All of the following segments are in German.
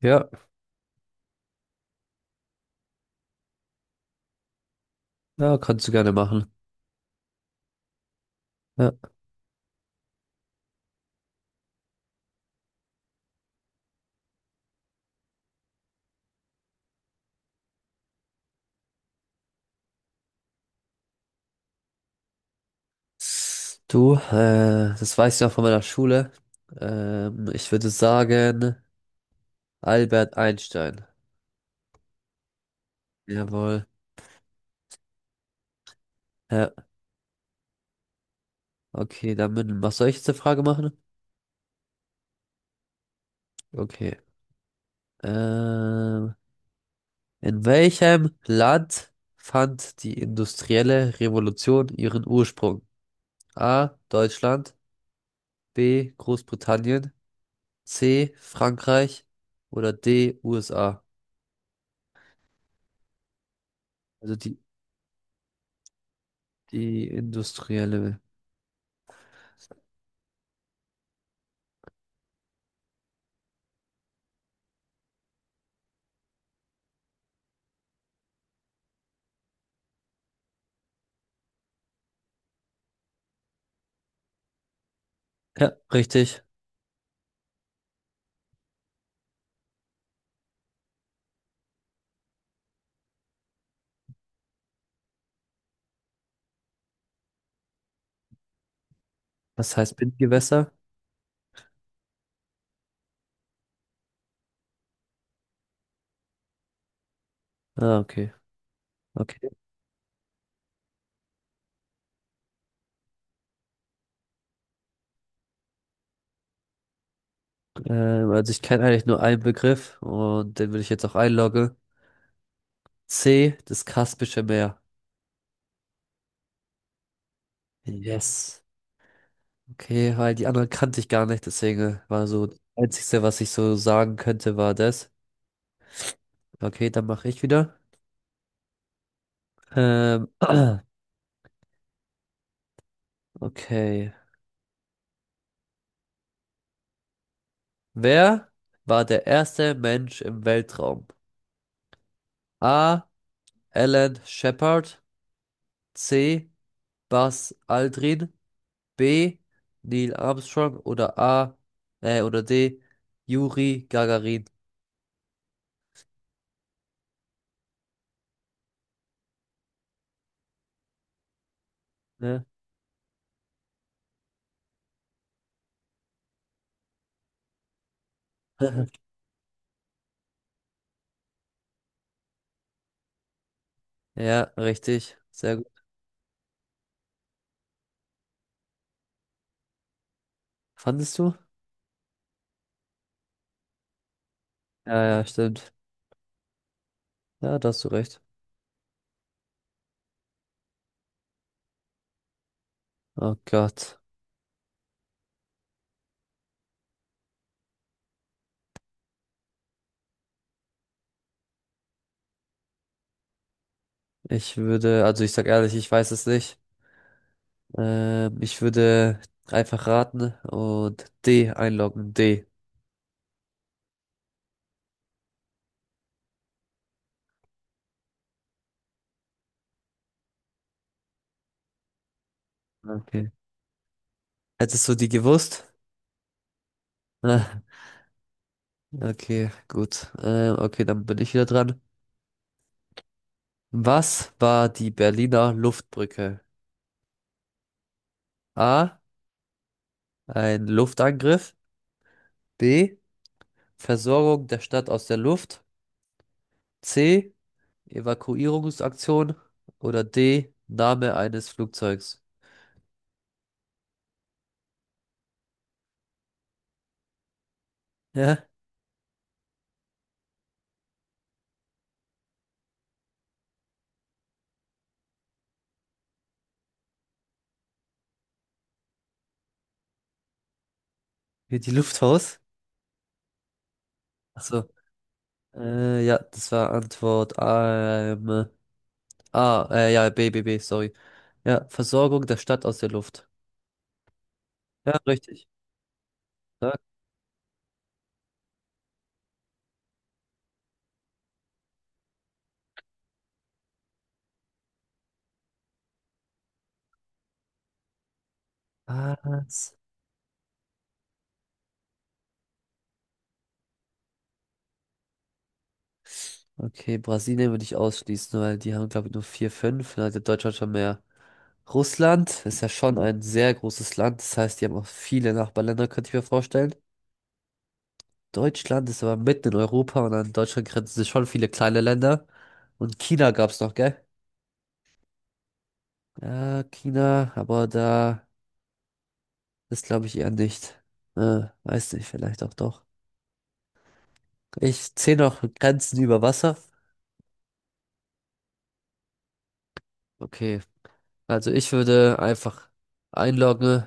Ja, ja, kannst du gerne machen. Ja. Du, das weiß ich noch von meiner Schule. Ich würde sagen, Albert Einstein. Jawohl. Ja, okay, dann was soll ich jetzt eine Frage machen? Okay. Ähm, in welchem Land fand die industrielle Revolution ihren Ursprung? A. Deutschland, B. Großbritannien, C. Frankreich oder D. USA? Also die, Die industrielle. Ja, richtig. Was heißt Bindgewässer? Ah, okay. Okay. Also ich kenne eigentlich nur einen Begriff und den will ich jetzt auch einloggen. C, das Kaspische Meer. Yes. Okay, weil die anderen kannte ich gar nicht, deswegen war so das Einzige, was ich so sagen könnte, war das. Okay, dann mache ich wieder. Ähm, okay. Wer war der erste Mensch im Weltraum? A. Alan Shepard. C. Buzz Aldrin. B. Neil Armstrong oder A. Oder D. Juri Gagarin. Ne? Ja, richtig. Sehr gut. Fandest du? Ja, ja, stimmt. Ja, da hast du recht. Oh Gott. Also ich sag ehrlich, ich weiß es nicht. Ich würde einfach raten und D einloggen. D. Okay. Hättest du die gewusst? Ah, okay, gut. Okay, dann bin ich wieder dran. Was war die Berliner Luftbrücke? A. Ein Luftangriff. B. Versorgung der Stadt aus der Luft. C. Evakuierungsaktion. Oder D. Name eines Flugzeugs. Ja, wie die Luft aus. Achso. Ja, das war Antwort A. Ja, B, B, B, sorry. Ja, Versorgung der Stadt aus der Luft. Ja, richtig. Ja, krass. Okay, Brasilien würde ich ausschließen, weil die haben, glaube ich, nur vier, fünf. Da hat Deutschland schon mehr. Russland ist ja schon ein sehr großes Land, das heißt, die haben auch viele Nachbarländer, könnte ich mir vorstellen. Deutschland ist aber mitten in Europa und an Deutschland grenzen sich schon viele kleine Länder. Und China gab's noch, gell? Ja, China, aber da ist, glaube ich, eher nicht. Weiß nicht, vielleicht auch doch. Ich zähle noch Grenzen über Wasser. Okay, also ich würde einfach einloggen.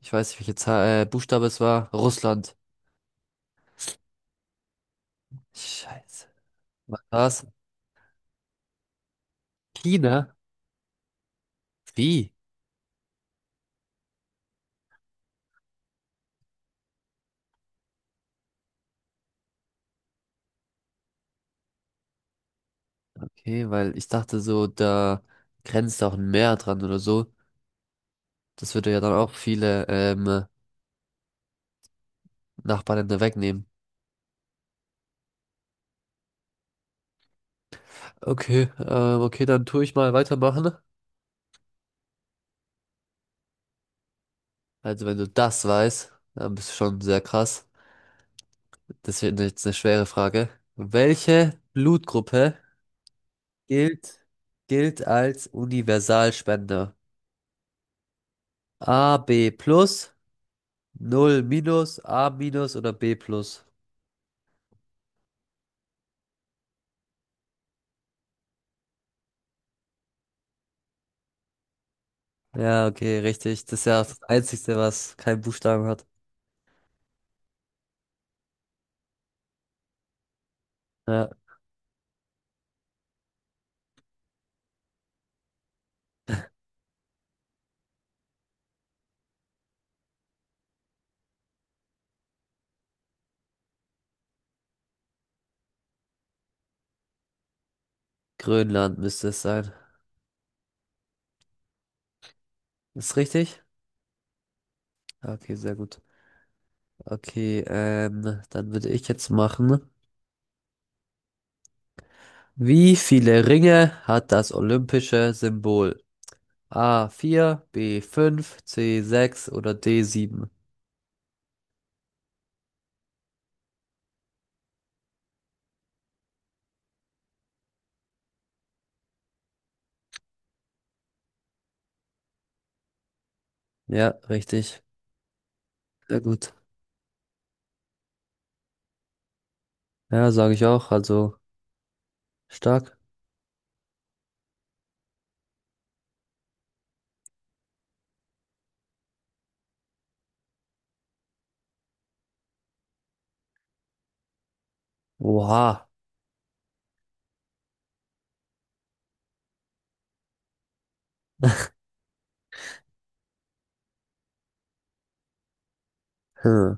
Ich weiß nicht, welche Zahl, Buchstabe es war. Russland. Scheiße. Was war's? China? Wie? Okay, weil ich dachte so, da grenzt auch ein Meer dran oder so. Das würde ja dann auch viele Nachbarländer wegnehmen. Okay, okay, dann tue ich mal weitermachen. Also wenn du das weißt, dann bist du schon sehr krass. Das wird jetzt eine schwere Frage. Welche Blutgruppe gilt, gilt als Universalspender? A, B plus, Null minus, A minus oder B plus? Ja, okay, richtig. Das ist ja auch das Einzige, was keinen Buchstaben hat. Ja. Grönland müsste es sein. Ist richtig? Ah, okay, sehr gut. Okay, dann würde ich jetzt machen. Wie viele Ringe hat das olympische Symbol? A. vier, B. fünf, C. sechs oder D. sieben? Ja, richtig. Sehr gut. Ja, sage ich auch. Also stark. Oha. Hm.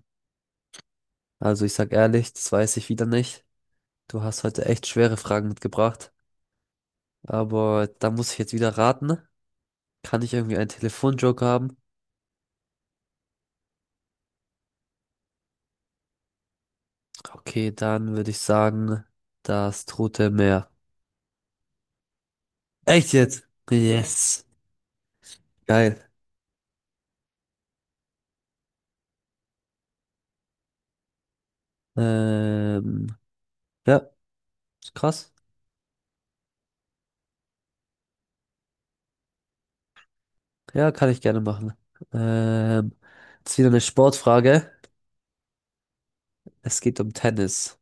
Also ich sag ehrlich, das weiß ich wieder nicht. Du hast heute echt schwere Fragen mitgebracht. Aber da muss ich jetzt wieder raten. Kann ich irgendwie einen Telefonjoker haben? Okay, dann würde ich sagen, das Tote Meer. Echt jetzt? Yes. Geil. Ähm, ja, ist krass. Ja, kann ich gerne machen. Ähm, Jetzt wieder eine Sportfrage. Es geht um Tennis.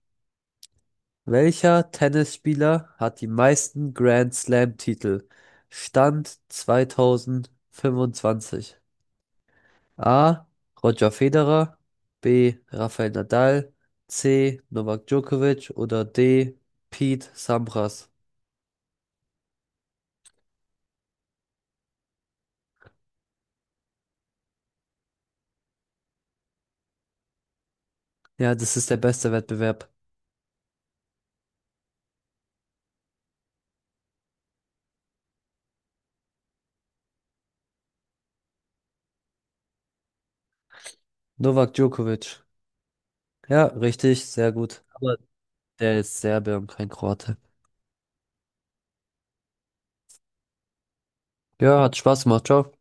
Welcher Tennisspieler hat die meisten Grand Slam-Titel? Stand 2025. A. Roger Federer. B. Rafael Nadal. C. Novak Djokovic. Oder D. Pete Sampras. Ja, das ist der beste Wettbewerb. Novak Djokovic. Ja, richtig, sehr gut. Aber der ist Serbe und kein Kroate. Ja, hat Spaß gemacht. Ciao.